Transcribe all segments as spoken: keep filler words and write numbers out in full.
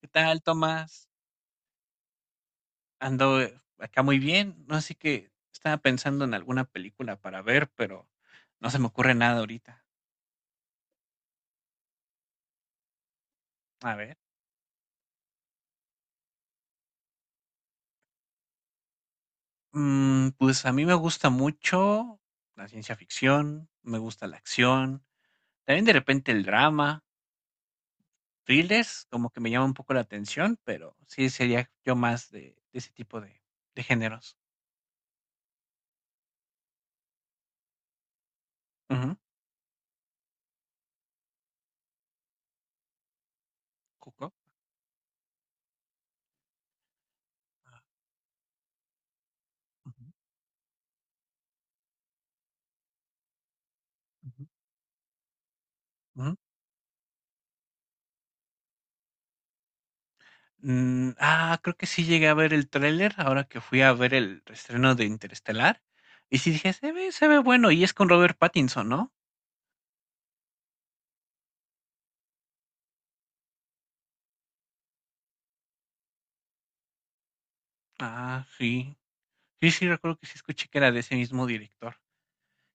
¿Qué tal, Tomás? Ando eh, acá muy bien, no así que estaba pensando en alguna película para ver, pero no se me ocurre nada ahorita. A ver, mm, pues a mí me gusta mucho la ciencia ficción, me gusta la acción, también de repente el drama, thrillers, como que me llama un poco la atención, pero sí sería yo más de, de ese tipo de, de géneros. Ujú. Coco. Ujú, ujú, ujú. Mm, ah, creo que sí llegué a ver el tráiler ahora que fui a ver el estreno de Interestelar. Y sí dije, se ve, se ve bueno. Y es con Robert Pattinson, ¿no? Ah, sí. Sí, sí, recuerdo que sí escuché que era de ese mismo director.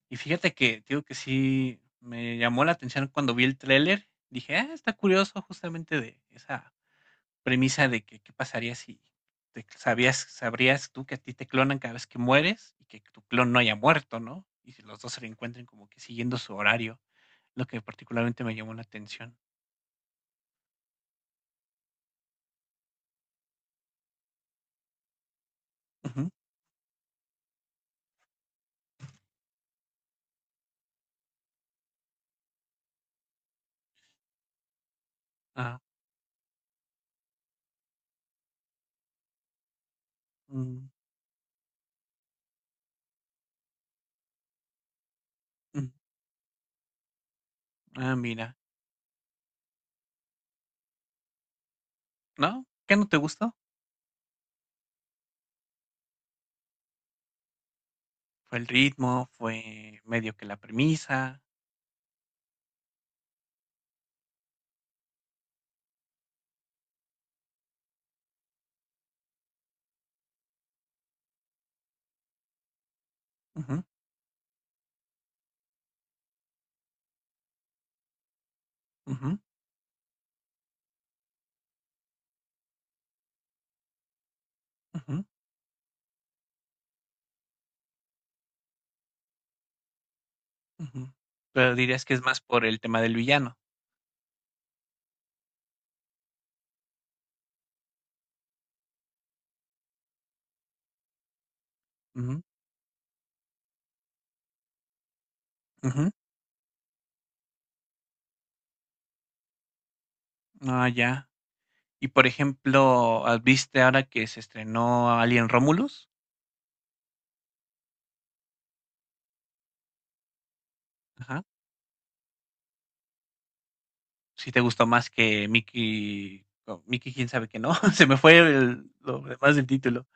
Y fíjate que, digo que sí me llamó la atención cuando vi el tráiler. Dije, ah, está curioso justamente de esa premisa de que qué pasaría si te sabías, sabrías tú que a ti te clonan cada vez que mueres y que tu clon no haya muerto, ¿no? Y si los dos se reencuentren como que siguiendo su horario. Lo que particularmente me llamó la atención. Ujú. Ah, mm, mm. Ah, mira. ¿No? ¿Qué no te gustó? Fue el ritmo, fue medio que la premisa. Ujú, ujú, ujú, ujú. Pero dirías que es más por el tema del villano. Ujú, ujú. Ah, ya. Y por ejemplo, ¿has- ¿viste ahora que se estrenó Alien Romulus? Ajá. Si te gustó más que Mickey, o Mickey, quién sabe que no. Se me fue el- lo demás del título.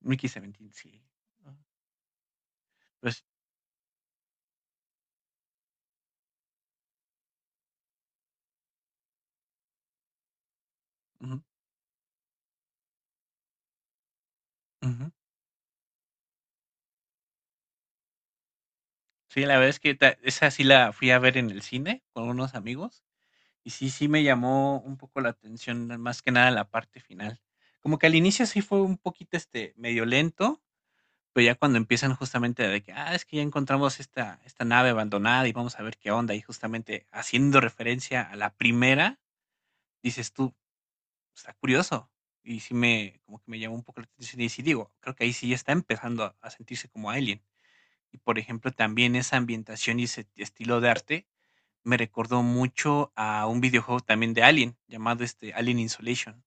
Mickey Seventeen, sí. Ah. Pues. Ujú. Sí, la verdad es que ta esa sí la fui a ver en el cine con unos amigos, y sí, sí me llamó un poco la atención, más que nada la parte final. Como que al inicio sí fue un poquito, este, medio lento, pero ya cuando empiezan justamente de que: "Ah, es que ya encontramos esta esta nave abandonada y vamos a ver qué onda", y justamente haciendo referencia a la primera, dices tú: "Está curioso". Y sí me como que me llamó un poco la atención y sí digo, creo que ahí sí ya está empezando a a sentirse como Alien. Y, por ejemplo, también esa ambientación y ese estilo de arte me recordó mucho a un videojuego también de Alien, llamado, este, Alien Isolation.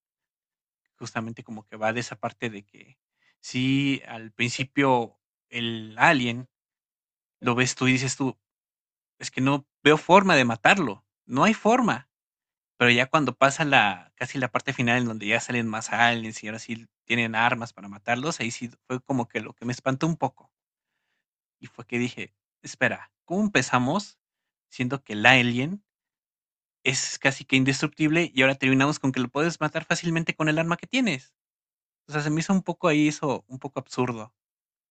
Justamente como que va de esa parte de que sí, al principio el alien lo ves tú y dices tú: "Es que no veo forma de matarlo, no hay forma". Pero ya cuando pasa la casi la parte final en donde ya salen más aliens y ahora sí tienen armas para matarlos, ahí sí fue como que lo que me espantó un poco. Y fue que dije, espera, ¿cómo empezamos siendo que el alien es casi que indestructible y ahora terminamos con que lo puedes matar fácilmente con el arma que tienes? O sea, se me hizo un poco ahí eso, un poco absurdo,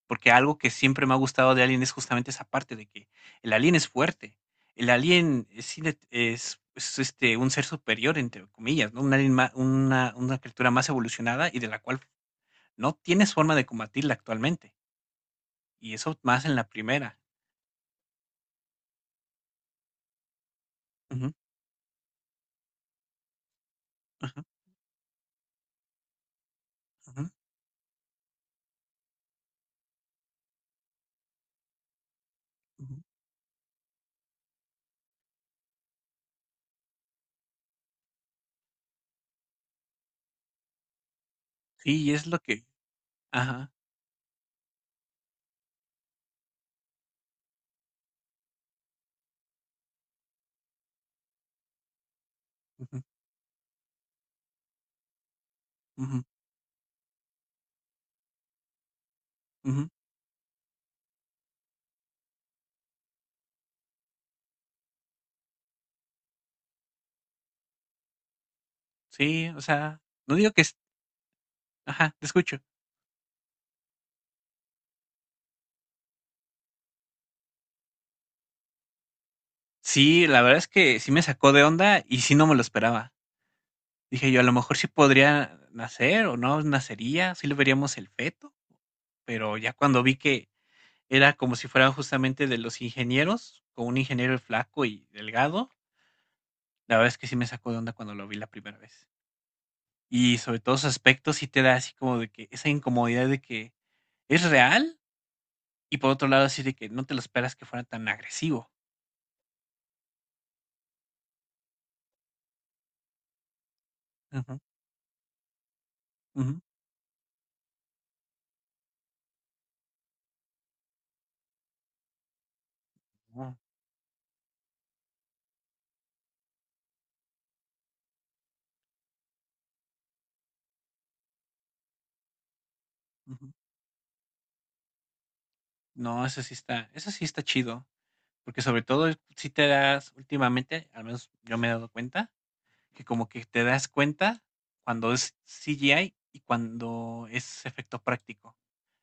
porque algo que siempre me ha gustado de Alien es justamente esa parte de que el alien es fuerte, el alien es, inde- es, es, este, un ser superior, entre comillas, ¿no? Un alien ma- una, una criatura más evolucionada y de la cual no tienes forma de combatirla actualmente. Y eso más en la primera. Ujú, ujú, ujú, ujú. Sí, es lo que ajá. Ujú, ujú, ujú. Sí, o sea, no digo que es ajá, te escucho. Sí, la verdad es que sí me sacó de onda y sí no me lo esperaba. Dije yo, a lo mejor sí podría nacer o no nacería, sí lo veríamos el feto, pero ya cuando vi que era como si fuera justamente de los ingenieros, con un ingeniero flaco y delgado, la verdad es que sí me sacó de onda cuando lo vi la primera vez. Y sobre todo sus aspectos sí te da así como de que esa incomodidad de que ¿es real? Y por otro lado, así de que no te lo esperas que fuera tan agresivo. Ujú, ujú, no, ujú. No, eso sí está eso sí está chido, porque sobre todo si te das últimamente, al menos yo me he dado cuenta, que como que te das cuenta cuando es C G I y cuando es efecto práctico.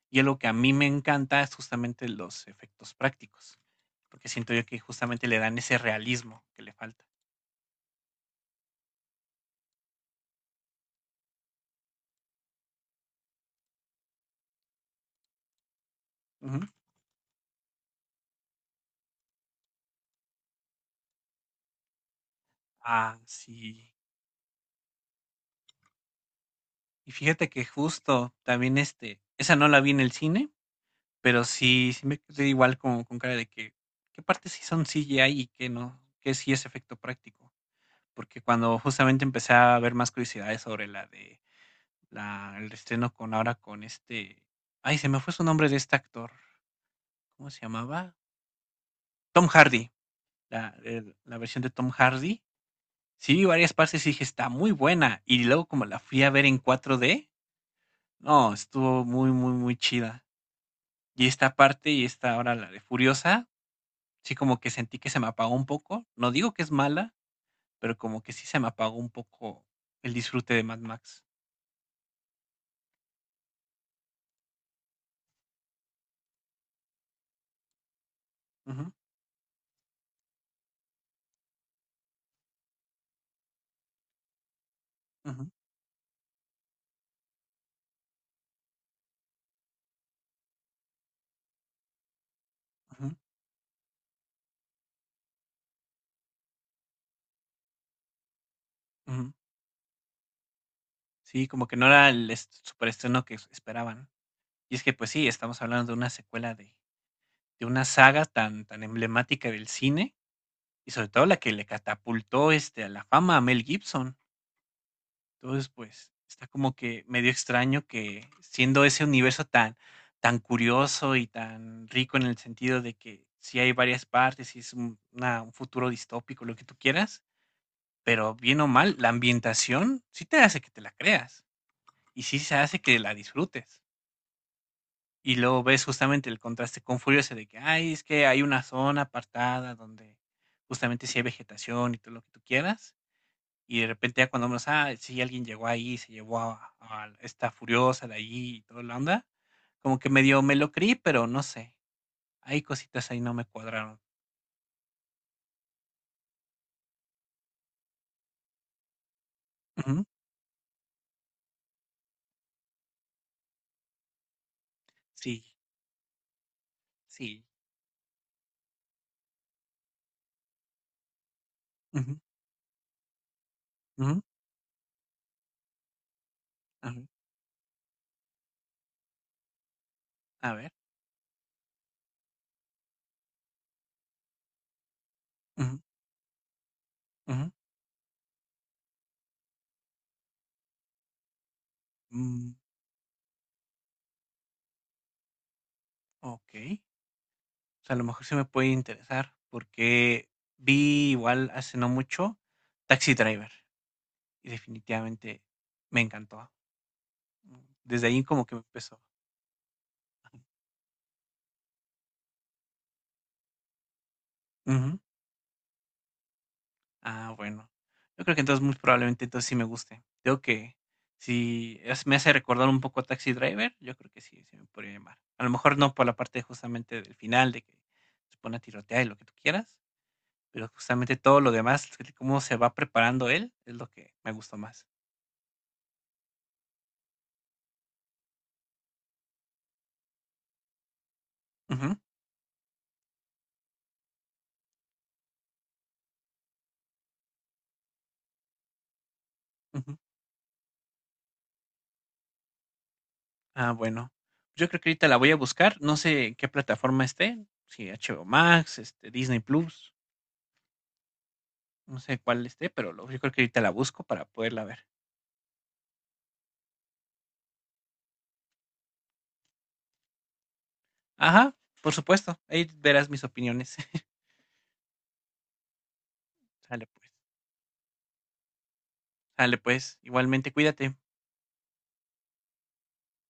Y es lo que a mí me encanta es justamente los efectos prácticos, porque siento yo que justamente le dan ese realismo que le falta. Ujú. Ah, sí. Y fíjate que justo también, este, esa no la vi en el cine, pero sí, sí me quedé igual como con cara de que, ¿qué partes sí son C G I y qué no? ¿Qué sí es efecto práctico? Porque cuando justamente empecé a ver más curiosidades sobre la de la, el estreno con ahora con este, ay, se me fue su nombre de este actor, ¿cómo se llamaba? Tom Hardy, la, el- la versión de Tom Hardy. Sí vi varias partes y dije, está muy buena. Y luego como la fui a ver en cuatro D, no, estuvo muy, muy, muy chida. Y esta parte, y esta ahora la de Furiosa, sí como que sentí que se me apagó un poco. No digo que es mala, pero como que sí se me apagó un poco el disfrute de Mad Max. Ujú, ujú, ujú, ujú. Sí, como que no era el est- superestreno que esperaban. Y es que, pues sí, estamos hablando de una secuela de, de una saga tan, tan emblemática del cine, y sobre todo la que le catapultó este, a la fama a Mel Gibson. Entonces, pues, está como que medio extraño que siendo ese universo tan, tan curioso y tan rico en el sentido de que sí hay varias partes y es un, una- un futuro distópico, lo que tú quieras, pero bien o mal, la ambientación sí te hace que te la creas y sí se hace que la disfrutes. Y luego ves justamente el contraste con Furiosa de que, ay, es que hay una zona apartada donde justamente sí hay vegetación y todo lo que tú quieras y de repente ya cuando vemos, ah, sí, alguien llegó ahí, se llevó a, a esta furiosa de ahí y toda la onda, como que medio me lo creí, pero no sé, hay cositas ahí no me cuadraron. Ujú. Sí, sí. Ujú, ujú, ujú. A ver. Ujú, ujú, mm, ok. O sea, a lo mejor se me puede interesar porque vi igual hace no mucho Taxi Driver y definitivamente me encantó. Desde ahí como que me empezó. Ujú. Ah, bueno. Yo creo que entonces muy probablemente entonces sí me guste. Creo que si es- me hace recordar un poco a Taxi Driver, yo creo que sí, sí me podría llamar. A lo mejor no por la parte justamente del final, de que se pone a tirotear y lo que tú quieras, pero justamente todo lo demás, el cómo se va preparando él, es lo que me gustó más. Ujú, ujú. Ah, bueno. Yo creo que ahorita la voy a buscar. No sé en qué plataforma esté, si H B O Max, este, Disney Plus, no sé cuál esté, pero lo- yo creo que ahorita la busco para poderla ver. Ajá, por supuesto, ahí verás mis opiniones. Sale pues, sale pues, igualmente cuídate.